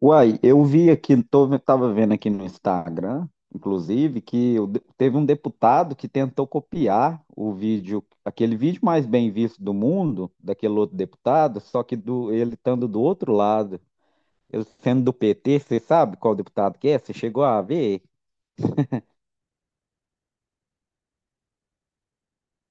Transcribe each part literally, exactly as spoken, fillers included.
Uai, eu vi aqui, tô, tava vendo aqui no Instagram, inclusive, que o de- teve um deputado que tentou copiar o vídeo, aquele vídeo mais bem visto do mundo, daquele outro deputado, só que do, ele estando do outro lado, ele sendo do P T. Você sabe qual deputado que é? Você chegou a ver?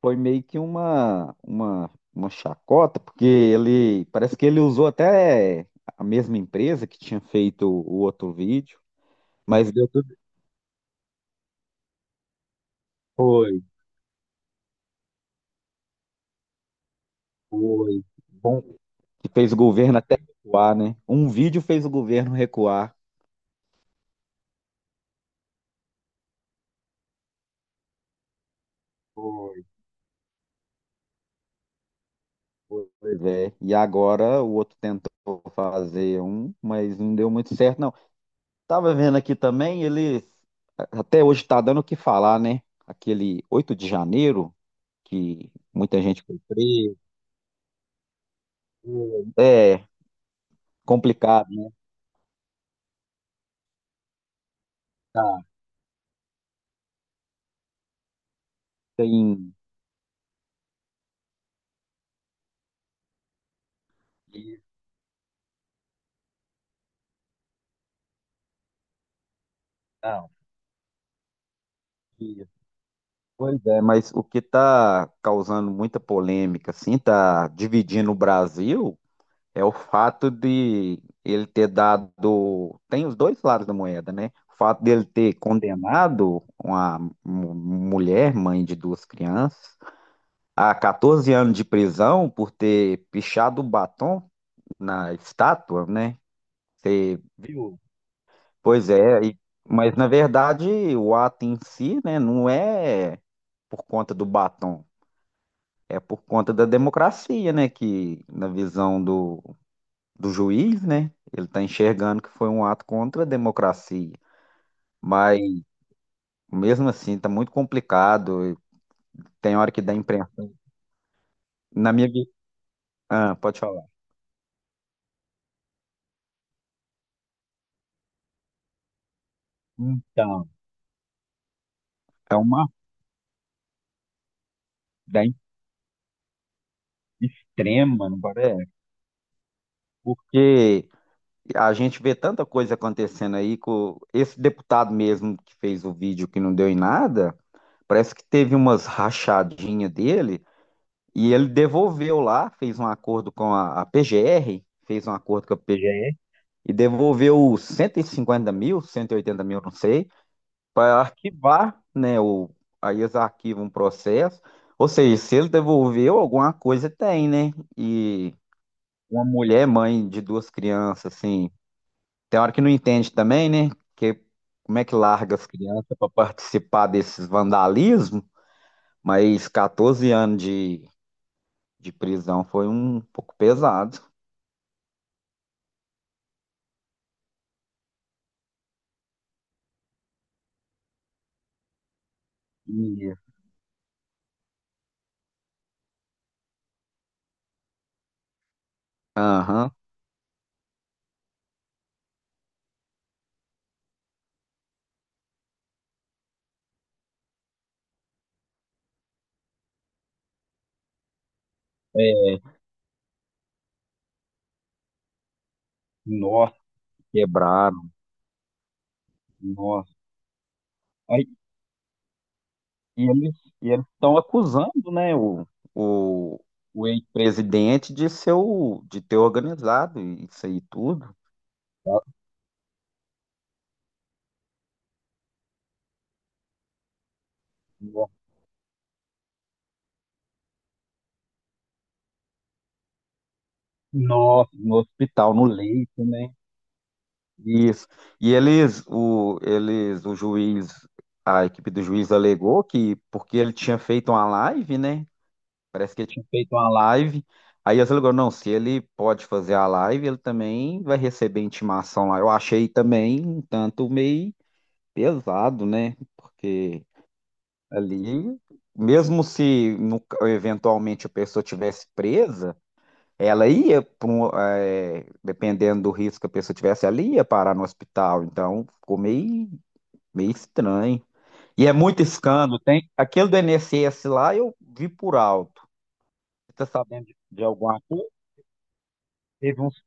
Foi meio que uma, uma, uma chacota, porque ele, parece que ele usou até a mesma empresa que tinha feito o outro vídeo, mas deu tudo. Foi, foi. Que fez o governo até recuar, né? Um vídeo fez o governo recuar. Foi, foi. Pois é. E agora o outro tentou fazer um, mas não deu muito certo, não. Tava vendo aqui também, ele até hoje tá dando o que falar, né? Aquele oito de janeiro, que muita gente foi presa. É complicado, né? Tá, tem. Isso, não, isso. Pois é, mas o que tá causando muita polêmica, assim, tá dividindo o Brasil. É o fato de ele ter dado. Tem os dois lados da moeda, né? O fato dele ter condenado uma mu- mulher, mãe de duas crianças, a 14 anos de prisão por ter pichado o batom na estátua, né? Você- Viu? Pois é, e- Mas na verdade o ato em si, né, não é por conta do batom, é por conta da democracia, né? Que na visão do do juiz, né? Ele está enxergando que foi um ato contra a democracia. Mas, mesmo assim, está muito complicado. Tem hora que dá imprensa. Na minha. vi- Ah, pode falar. Então, é uma da in- extrema, não parece? Porque a gente vê tanta coisa acontecendo aí com esse deputado mesmo que fez o vídeo que não deu em nada, parece que teve umas rachadinhas dele e ele devolveu lá, fez um acordo com a, a P G R, fez um acordo com a P G R e devolveu cento e cinquenta mil, cento e oitenta mil, não sei, para arquivar, né? O, aí eles arquivam um processo. Ou seja, se ele devolveu, alguma coisa tem, né? E uma mulher, mãe de duas crianças, assim, tem hora que não entende também, né? Que, como é que larga as crianças para participar desses vandalismos? Mas 14 anos de, de prisão foi um pouco pesado. E, Aham, é, nossa, quebraram. Nossa. E eles e eles estão acusando, né, o, o, o ex-presidente de ser o, de ter organizado isso aí tudo. No, no no hospital, no leito, né? Isso. E eles, o, eles, o juiz, a equipe do juiz alegou que porque ele tinha feito uma live, né? Parece que ele tinha feito uma live. Aí eles alegou, não, se ele pode fazer a live, ele também vai receber intimação lá. Eu achei também um tanto meio pesado, né? Porque ali, mesmo se no- eventualmente a pessoa tivesse presa, ela ia pra um, eh, dependendo do risco que a pessoa tivesse, ela ia parar no hospital. Então, ficou meio, meio estranho. E é muito escândalo, tem. Aquele do INSS lá eu vi por alto. Você tá sabendo de, de alguma coisa? Teve uns,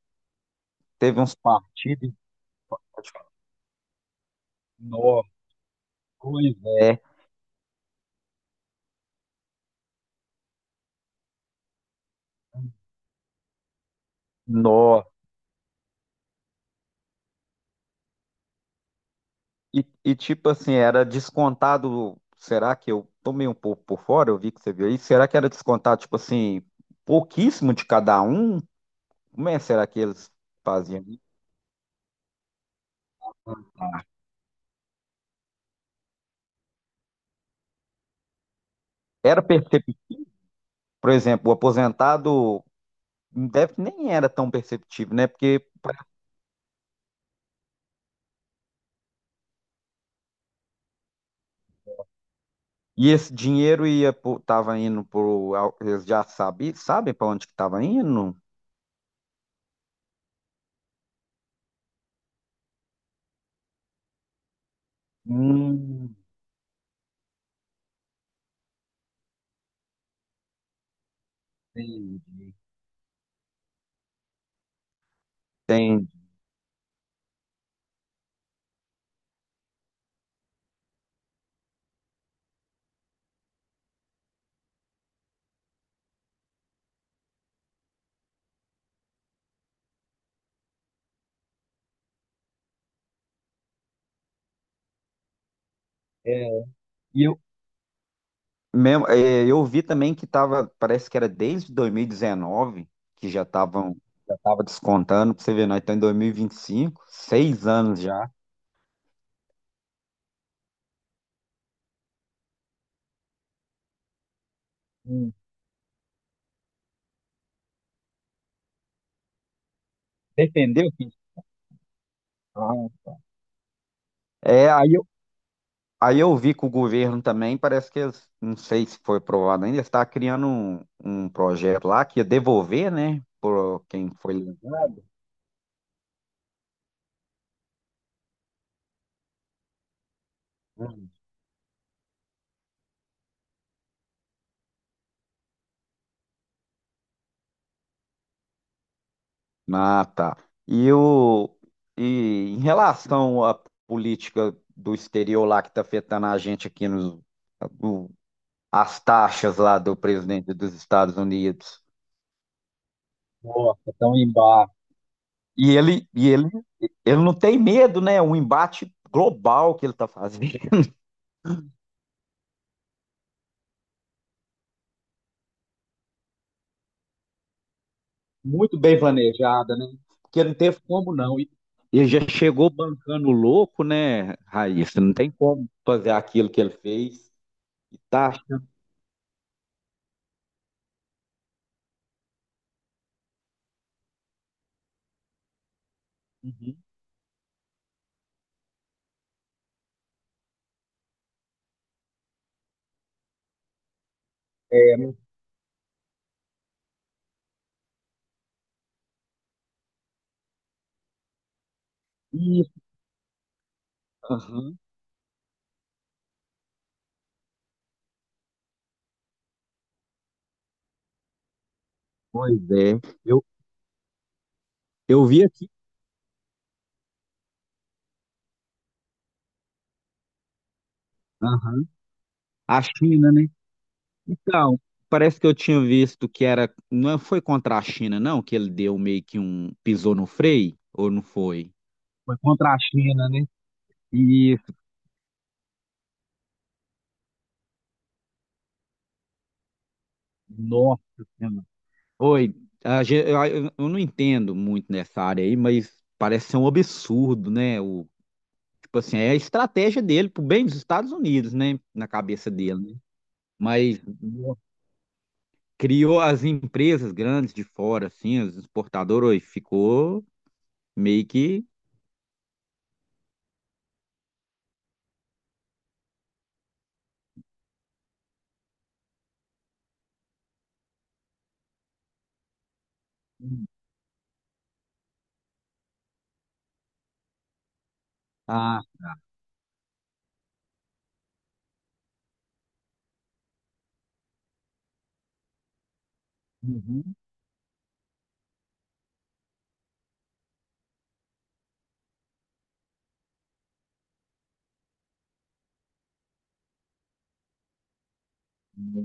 teve uns partidos. Nossa, pois é. Nossa. E, e tipo assim, era descontado. Será que eu tomei um pouco por fora? Eu vi que você viu aí. Será que era descontado, tipo assim, pouquíssimo de cada um? Como é que será que eles faziam isso? Era perceptível, por exemplo, o aposentado deve, nem era tão perceptível, né? Porque e esse dinheiro ia pro, tava indo pro. al- Eles já sabe, sabem para onde que tava indo? Hum, entendi. Entendi. Mesmo, é, eu vi também que tava, parece que era desde dois mil e dezenove que já estavam, já tava descontando, pra você ver, nós estamos em dois mil e vinte e cinco seis anos já. Hum. Defendeu que Ah. É, aí eu, aí eu vi que o governo também, parece que eles, não sei se foi aprovado ainda, está criando um, um projeto lá que ia devolver, né, por quem foi lesado. Ah, tá. E, o, e em relação à política do exterior lá que está afetando a gente aqui nos, o- as taxas lá do presidente dos Estados Unidos. Nossa, tão embaixo. E ele, e ele, ele não tem medo, né? Um embate global que ele está fazendo. Muito bem planejada, né? Porque não teve como não. E Ele já chegou bancando louco, né, Raíssa? Não tem como fazer aquilo que ele fez. E tá. Uhum. É, aham, pois é. Eu, eu vi aqui, aham, a China, né? Então, parece que eu tinha visto que era, não é, foi contra a China, não, que ele deu meio que um, pisou no freio, ou não foi? Foi contra a China, né? Isso, Nossa Senhora. Oi, a ge- eu, eu eu não entendo muito nessa área aí, mas parece ser um absurdo, né? O, tipo assim, é a estratégia dele pro bem dos Estados Unidos, né? Na cabeça dele, né? Mas, criou as empresas grandes de fora, assim, os exportadores, ficou meio que. Ah, uhum.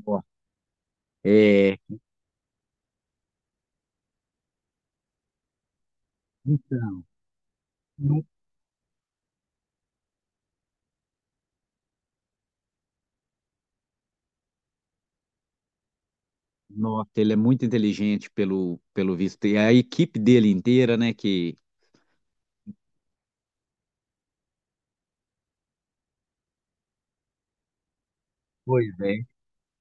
Ó, é, então, no- nossa, ele é muito inteligente pelo, pelo visto. E a equipe dele inteira, né? Que Pois é.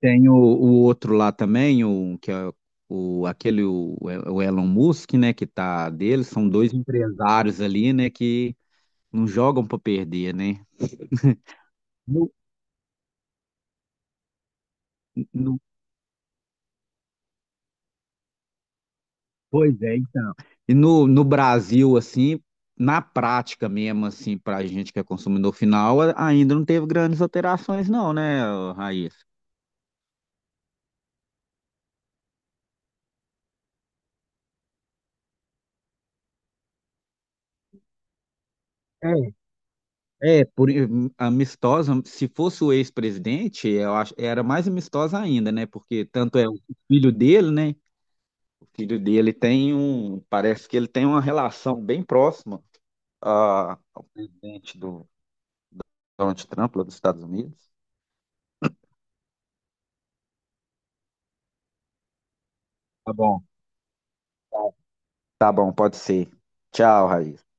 Tem o, o outro lá também, o, que é o, aquele, o, o Elon Musk, né? Que tá dele, são dois empresários ali, né? Que não jogam para perder, né? No, pois é, então. E no, no Brasil, assim, na prática mesmo, assim, pra gente que é consumidor final, a- ainda não teve grandes alterações, não, né, Raíssa? É, é, por, amistosa, se fosse o ex-presidente, eu acho, era mais amistosa ainda, né? Porque tanto é o filho dele, né? O filho dele tem um, parece que ele tem uma relação bem próxima ah, ao presidente do Donald Trump, lá dos Estados Unidos. Tá bom. Tá bom, pode ser. Tchau, Raíssa.